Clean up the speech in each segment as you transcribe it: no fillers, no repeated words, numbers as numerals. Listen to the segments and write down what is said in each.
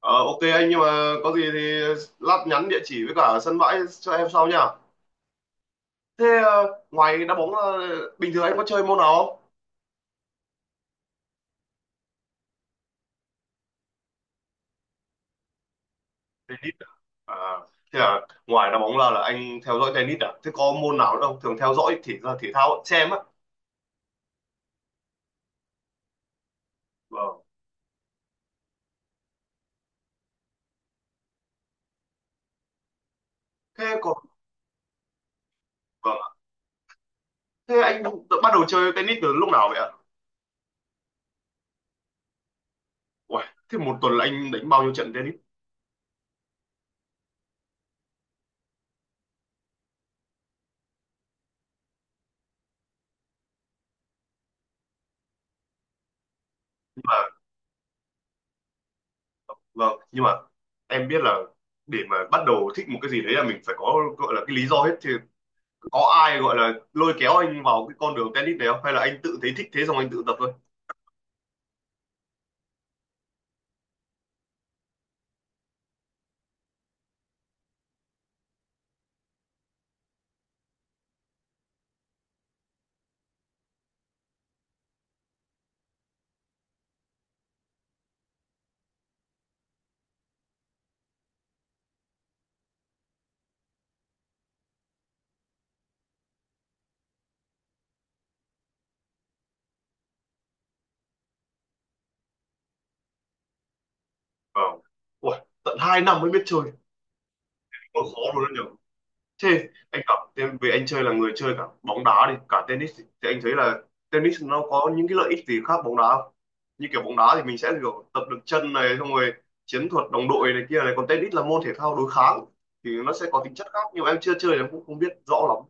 Ờ, ok anh, nhưng mà có gì thì lát nhắn địa chỉ với cả sân bãi cho em sau nha. Thế ngoài đá bóng bình thường anh có chơi môn nào không? Tennis. À, thế là ngoài đá bóng là anh theo dõi tennis à? Thế có môn nào nữa không? Thường theo dõi thể ra thể thao xem á. Vâng. Thế còn vâng ạ. Thế anh tự bắt đầu chơi tennis từ lúc nào vậy ạ? Uầy, thế một tuần là anh đánh bao nhiêu trận tennis? Nhưng mà vâng, nhưng mà em biết là để mà bắt đầu thích một cái gì đấy là mình phải có gọi là cái lý do hết. Thì có ai gọi là lôi kéo anh vào cái con đường tennis này không, hay là anh tự thấy thích thế xong anh tự tập thôi? Vâng. Ui, tận 2 năm mới biết chơi. Ôi, khó luôn đó nhỉ. Thế anh cảm thế về anh chơi là người chơi cả bóng đá đi, cả tennis đi, thì anh thấy là tennis nó có những cái lợi ích gì khác bóng đá không? Như kiểu bóng đá thì mình sẽ kiểu tập được chân này, xong rồi chiến thuật đồng đội này kia này, còn tennis là môn thể thao đối kháng thì nó sẽ có tính chất khác, nhưng mà em chưa chơi nên em cũng không biết rõ lắm.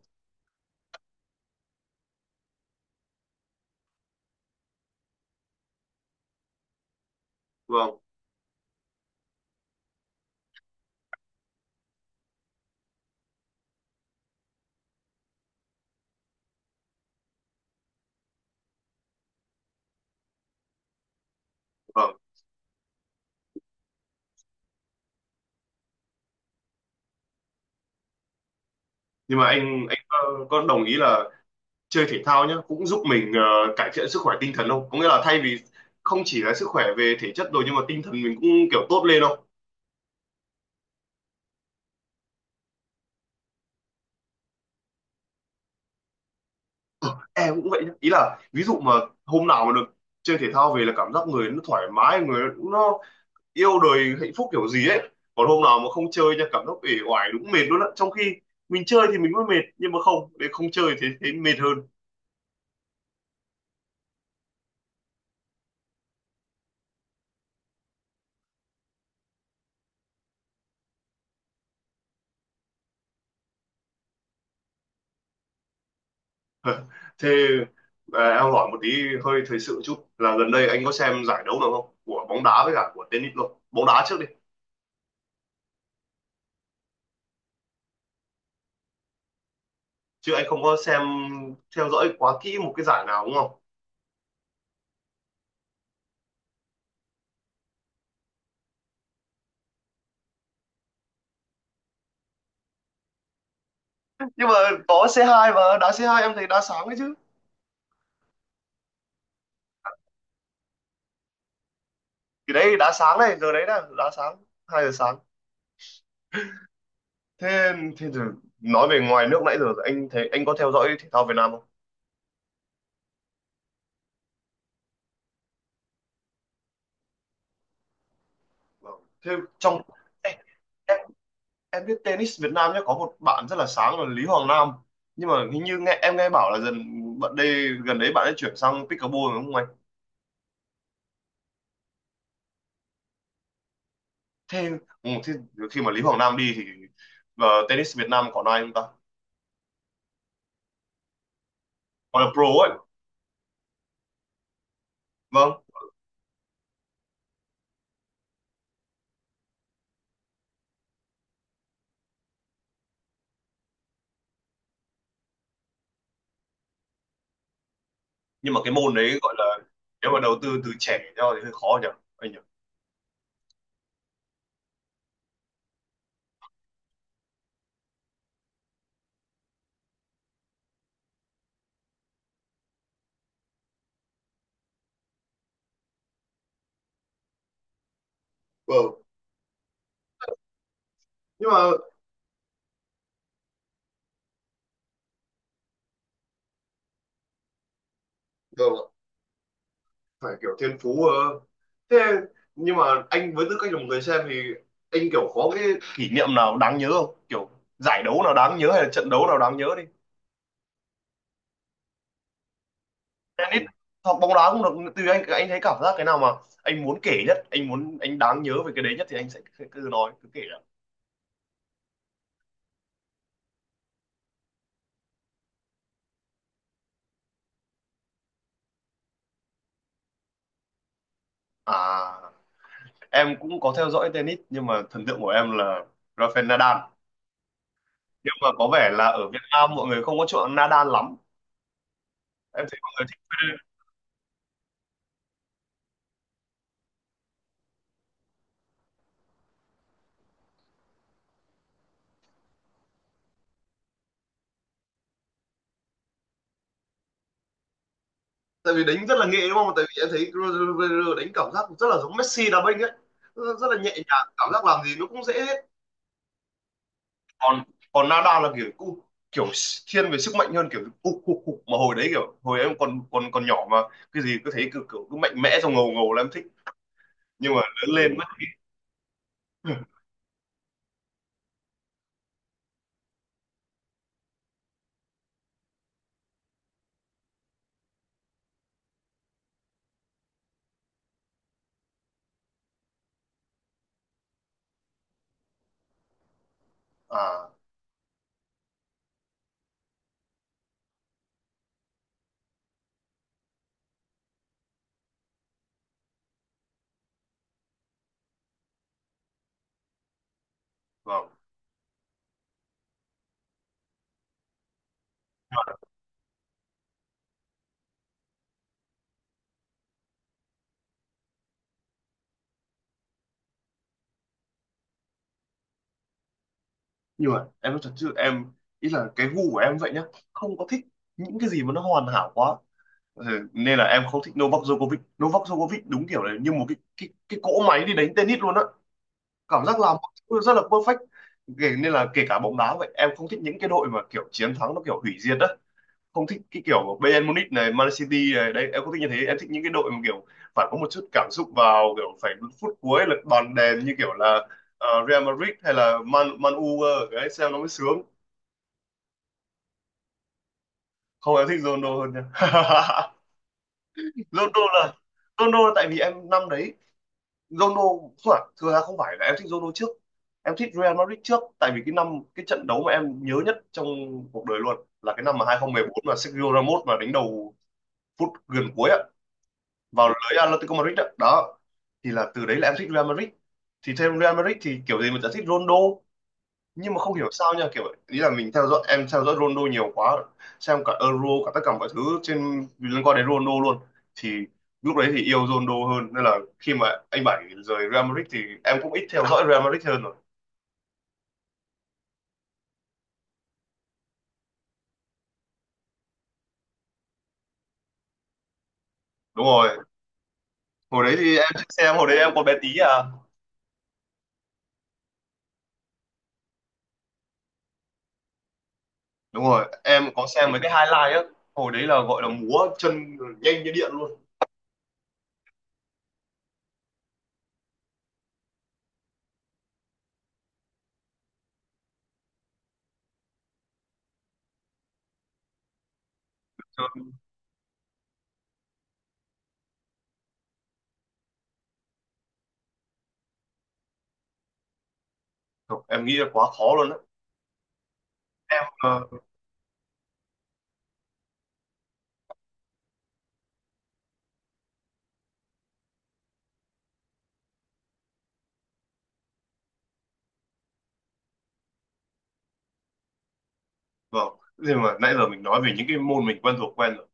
Vâng. Vâng, nhưng mà anh có đồng ý là chơi thể thao nhá cũng giúp mình cải thiện sức khỏe tinh thần không? Có nghĩa là thay vì không chỉ là sức khỏe về thể chất rồi, nhưng mà tinh thần mình cũng kiểu tốt lên không? Ờ, em cũng vậy nhá. Ý là ví dụ mà hôm nào mà được chơi thể thao về là cảm giác người nó thoải mái, người nó yêu đời hạnh phúc kiểu gì ấy. Còn hôm nào mà không chơi nha, cảm giác uể oải, đúng mệt luôn á, trong khi mình chơi thì mình mới mệt, nhưng mà không để không chơi thì thấy mệt hơn. Thế em hỏi một tí hơi thời sự chút là gần đây anh có xem giải đấu nào không? Của bóng đá với cả của tennis luôn. Bóng đá trước đi. Chứ anh không có xem theo dõi quá kỹ một cái giải nào đúng không? Nhưng mà có C2, mà đá C2 em thấy đá sáng đấy chứ. Thì đấy đá sáng này, giờ đấy nè, đá sáng, 2 giờ sáng. Thế thế giờ nói về ngoài nước nãy giờ anh thấy, anh có theo dõi thể thao Việt Nam không? Vâng. Thế trong em biết tennis Việt Nam nhé, có một bạn rất là sáng là Lý Hoàng Nam, nhưng mà hình như nghe em nghe bảo là dần bạn đây gần đấy bạn ấy chuyển sang pickleball, đúng không anh? Thế, ừ, thế khi mà Lý Hoàng Nam đi thì tennis Việt Nam còn ai không ta, gọi là pro ấy? Vâng, nhưng mà cái môn đấy gọi là nếu mà đầu tư từ trẻ cho thì hơi khó nhỉ anh nhỉ. Vâng. Nhưng mà vâng ạ, phải kiểu thiên phú ờ. Thế nhưng mà anh với tư cách là một người xem thì anh kiểu có cái kỷ niệm nào đáng nhớ không, kiểu giải đấu nào đáng nhớ hay là trận đấu nào đáng nhớ? Tennis hoặc bóng đá cũng được, tùy anh thấy cảm giác cái nào mà anh muốn kể nhất, anh muốn anh đáng nhớ về cái đấy nhất thì anh sẽ cứ cứ nói cứ kể ạ. À Em cũng có theo dõi tennis nhưng mà thần tượng của em là Rafael Nadal. Nhưng mà có vẻ là ở Việt Nam mọi người không có chuộng Nadal lắm. Em thấy mọi người thích Federer tại vì đánh rất là nghệ đúng không, tại vì em thấy Federer đánh cảm giác rất là giống Messi đá banh ấy, rất rất là nhẹ nhàng, cảm giác làm gì nó cũng dễ. Còn còn Nada là kiểu cũng kiểu thiên về sức mạnh hơn, kiểu ục ục ục, mà hồi đấy kiểu hồi em còn còn còn nhỏ mà cái gì cứ thấy cứ kiểu cứ mạnh mẽ xong ngầu ngầu là em thích. Nhưng mà lớn lên mất. À vâng, nhưng mà em nói thật chứ em ý là cái gu của em vậy nhá, không có thích những cái gì mà nó hoàn hảo quá. Ừ, nên là em không thích Novak Djokovic. Novak Djokovic đúng kiểu là như một cái cỗ máy đi đánh tennis luôn á, cảm giác làm mọi thứ rất là perfect. Nên là kể cả bóng đá vậy, em không thích những cái đội mà kiểu chiến thắng nó kiểu hủy diệt á. Không thích cái kiểu của Bayern Munich này, Man City này, đây. Em không thích như thế, em thích những cái đội mà kiểu phải có một chút cảm xúc vào, kiểu phải đến phút cuối là đòn đèn, như kiểu là Real Madrid hay là Man Man U cơ, đấy xem nó mới sướng. Không, em thích Ronaldo hơn nha. Ronaldo là Ronaldo là tại vì em năm đấy Ronaldo không phải, thực ra không phải là em thích Ronaldo trước. Em thích Real Madrid trước tại vì cái năm, cái trận đấu mà em nhớ nhất trong cuộc đời luôn là cái năm mà 2014 mà Sergio Ramos mà đánh đầu phút gần cuối ạ, vào lưới Atletico Madrid đó. Đó thì là từ đấy là em thích Real Madrid, thì theo Real Madrid thì kiểu gì mình sẽ thích Ronaldo. Nhưng mà không hiểu sao nha, kiểu ý là mình theo dõi em theo dõi Ronaldo nhiều quá, xem cả Euro cả tất cả mọi thứ trên liên quan đến Ronaldo luôn, thì lúc đấy thì yêu Ronaldo hơn nên là khi mà anh Bảy rời Real Madrid thì em cũng ít theo dõi Real Madrid hơn rồi. Đúng rồi, hồi đấy thì em thích xem, hồi đấy em còn bé tí à. Đúng rồi em có xem mấy cái highlight á, hồi đấy là gọi là múa chân nhanh như điện luôn. Trời, em nghĩ là quá khó luôn á. Ờ, vâng. Nhưng mà nãy giờ mình nói về những cái môn mình quen thuộc quen rồi,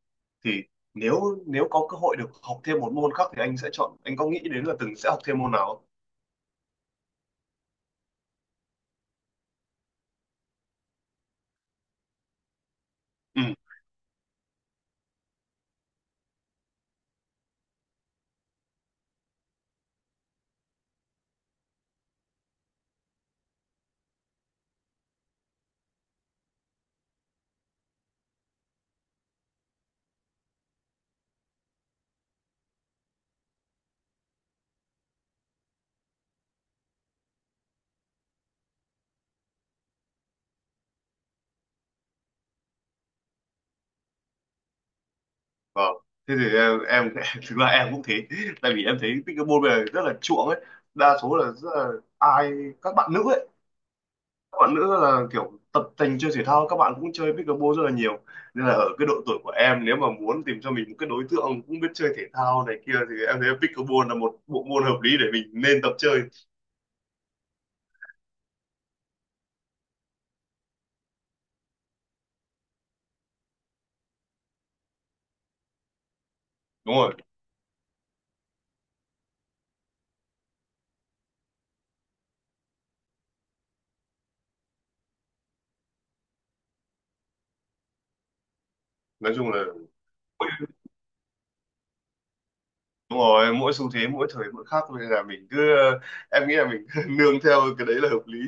thì nếu nếu có cơ hội được học thêm một môn khác thì anh sẽ chọn, anh có nghĩ đến là từng sẽ học thêm môn nào không? Ừ, vâng. Thế thì em thực ra em cũng thế, tại vì em thấy cái môn này rất là chuộng ấy, đa số là, rất là ai các bạn nữ ấy, các bạn nữ là kiểu tập tành chơi thể thao, các bạn cũng chơi pickleball rất là nhiều, nên là ở cái độ tuổi của em nếu mà muốn tìm cho mình một cái đối tượng cũng biết chơi thể thao này kia thì em thấy pickleball là một bộ môn hợp lý để mình nên tập chơi. Đúng rồi, nói chung là đúng rồi, mỗi xu thế mỗi thời mỗi khác nên là mình cứ em nghĩ là mình cứ nương theo cái đấy là hợp lý.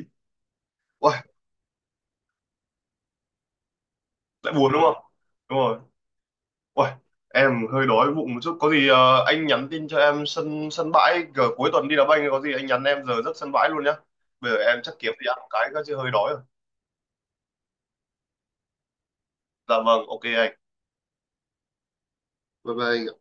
Uầy, lại buồn đúng không? Đúng rồi. Uầy, em hơi đói bụng một chút, có gì anh nhắn tin cho em sân sân bãi cỡ cuối tuần đi đá banh, có gì anh nhắn em giờ giấc sân bãi luôn nhá. Bây giờ em chắc kiếm gì ăn một cái chứ hơi đói rồi. Dạ vâng, ok anh. Bye bye anh.